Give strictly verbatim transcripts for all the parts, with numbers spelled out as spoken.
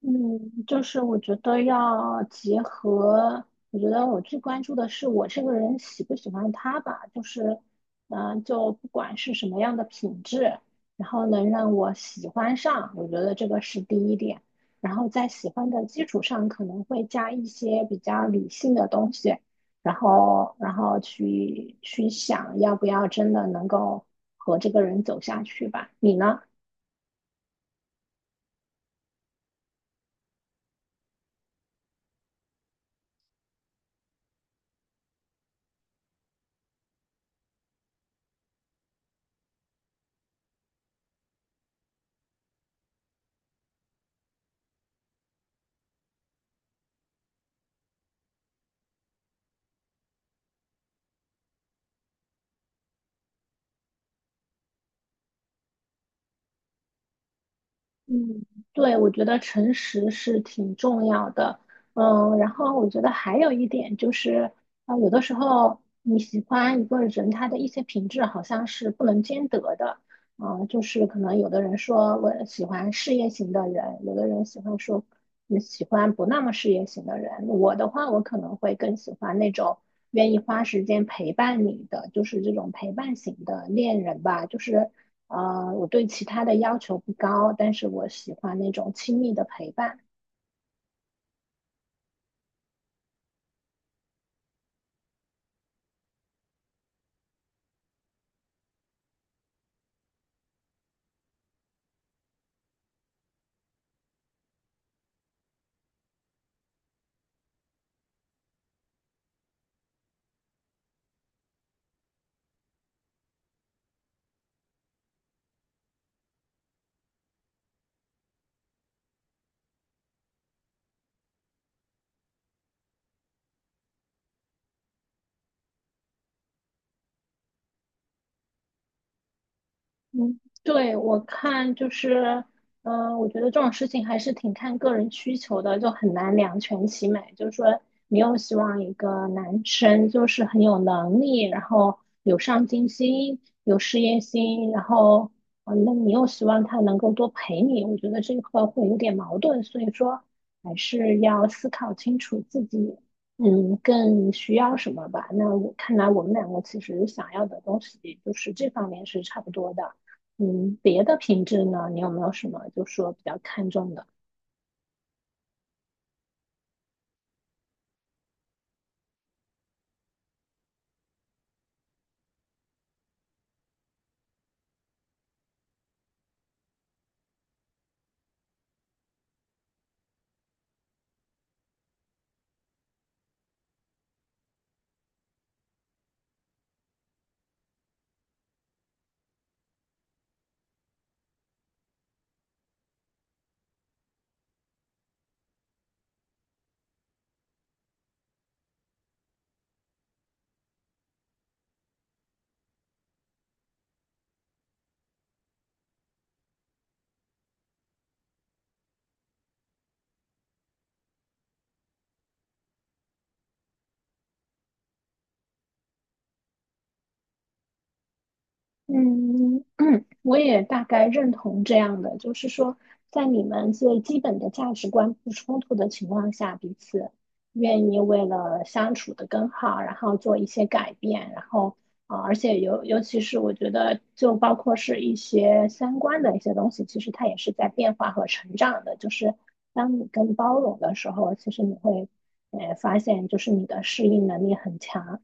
嗯，就是我觉得要结合，我觉得我最关注的是我这个人喜不喜欢他吧，就是，嗯、就不管是什么样的品质，然后能让我喜欢上，我觉得这个是第一点，然后在喜欢的基础上，可能会加一些比较理性的东西，然后，然后去去想要不要真的能够和这个人走下去吧，你呢？嗯，对，我觉得诚实是挺重要的。嗯，然后我觉得还有一点就是，啊、有的时候你喜欢一个人，他的一些品质好像是不能兼得的。啊，就是可能有的人说我喜欢事业型的人，有的人喜欢说你喜欢不那么事业型的人。我的话，我可能会更喜欢那种愿意花时间陪伴你的，就是这种陪伴型的恋人吧，就是。呃，我对其他的要求不高，但是我喜欢那种亲密的陪伴。嗯，对，我看就是，嗯、我觉得这种事情还是挺看个人需求的，就很难两全其美。就是说，你又希望一个男生就是很有能力，然后有上进心、有事业心，然后，呃，那你又希望他能够多陪你，我觉得这个会有点矛盾。所以说，还是要思考清楚自己，嗯，更需要什么吧。那我看来，我们两个其实想要的东西就是这方面是差不多的。嗯，别的品质呢，你有没有什么就说比较看重的？嗯，我也大概认同这样的，就是说，在你们最基本的价值观不冲突的情况下，彼此愿意为了相处的更好，然后做一些改变，然后啊、呃而且尤尤其是我觉得，就包括是一些相关的一些东西，其实它也是在变化和成长的。就是当你更包容的时候，其实你会呃发现，就是你的适应能力很强。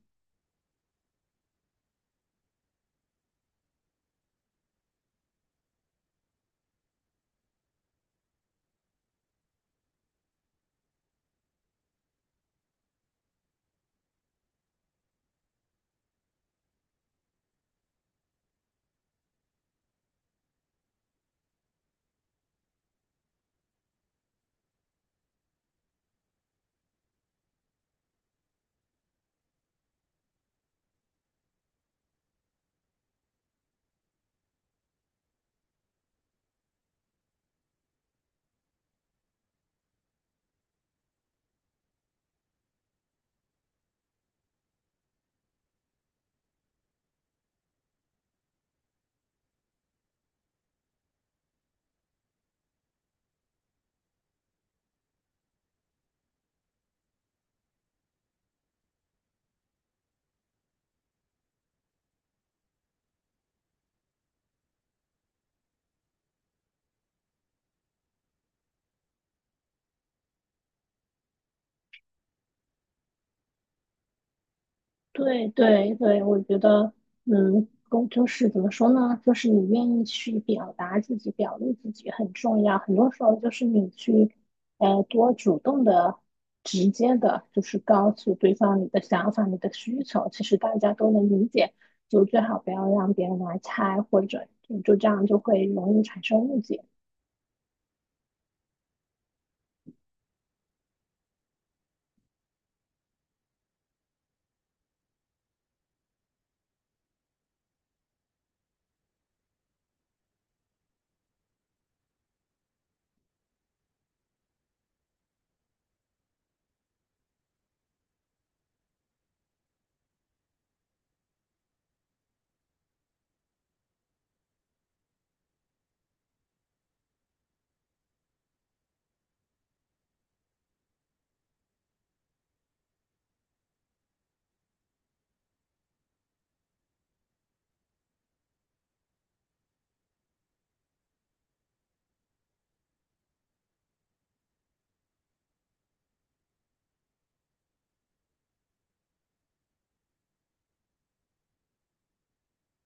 对对对，我觉得，嗯，公就是怎么说呢？就是你愿意去表达自己、表露自己很重要。很多时候就是你去，呃，多主动的、直接的，就是告诉对方你的想法、你的需求，其实大家都能理解。就最好不要让别人来猜，或者就就这样就会容易产生误解。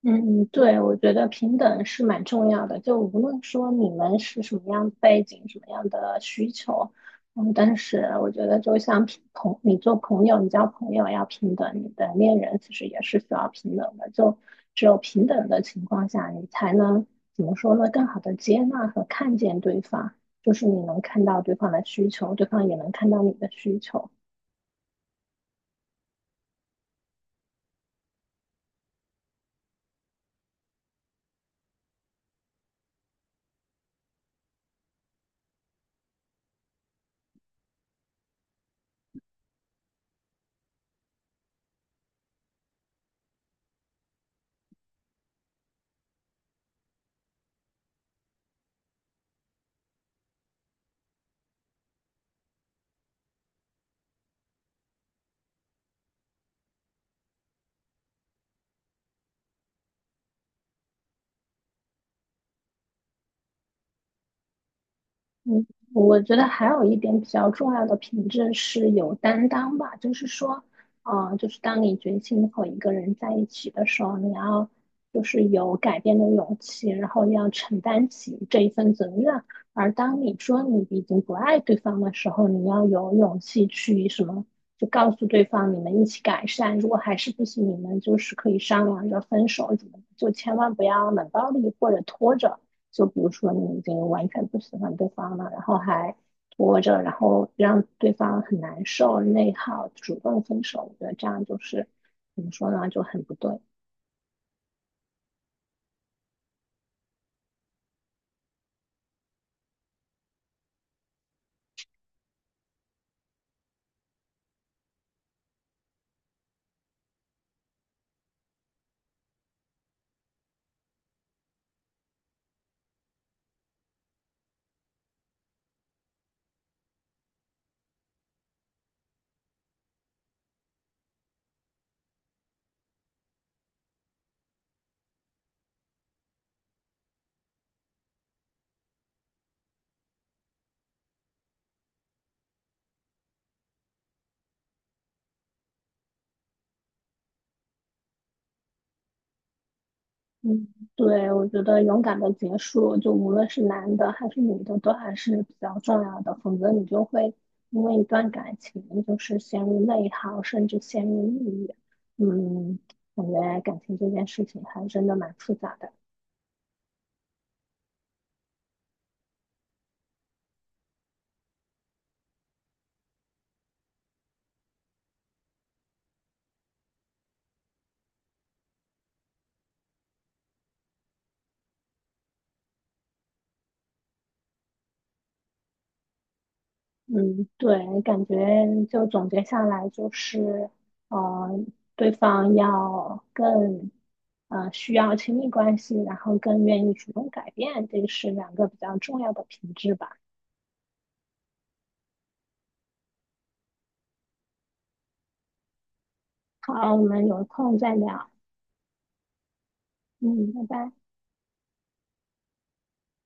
嗯嗯对，我觉得平等是蛮重要的。就无论说你们是什么样的背景、什么样的需求，嗯，但是我觉得就像平朋，你做朋友，你交朋友要平等，你的恋人其实也是需要平等的。就只有平等的情况下，你才能怎么说呢？更好的接纳和看见对方，就是你能看到对方的需求，对方也能看到你的需求。嗯，我觉得还有一点比较重要的品质是有担当吧，就是说，嗯、就是当你决心和一个人在一起的时候，你要就是有改变的勇气，然后要承担起这一份责任。而当你说你已经不爱对方的时候，你要有勇气去什么，就告诉对方你们一起改善，如果还是不行，你们就是可以商量着分手怎么，就千万不要冷暴力或者拖着。就比如说你已经完全不喜欢对方了，然后还拖着，然后让对方很难受、内耗，主动分手，我觉得这样就是怎么说呢，就很不对。嗯，对，我觉得勇敢的结束，就无论是男的还是女的，都还是比较重要的，否则你就会因为一段感情就是陷入内耗，甚至陷入抑郁。嗯，感觉感情这件事情还真的蛮复杂的。嗯，对，感觉就总结下来就是，呃，对方要更，呃，需要亲密关系，然后更愿意主动改变，这是两个比较重要的品质吧。好，我们有空再聊。嗯，拜拜。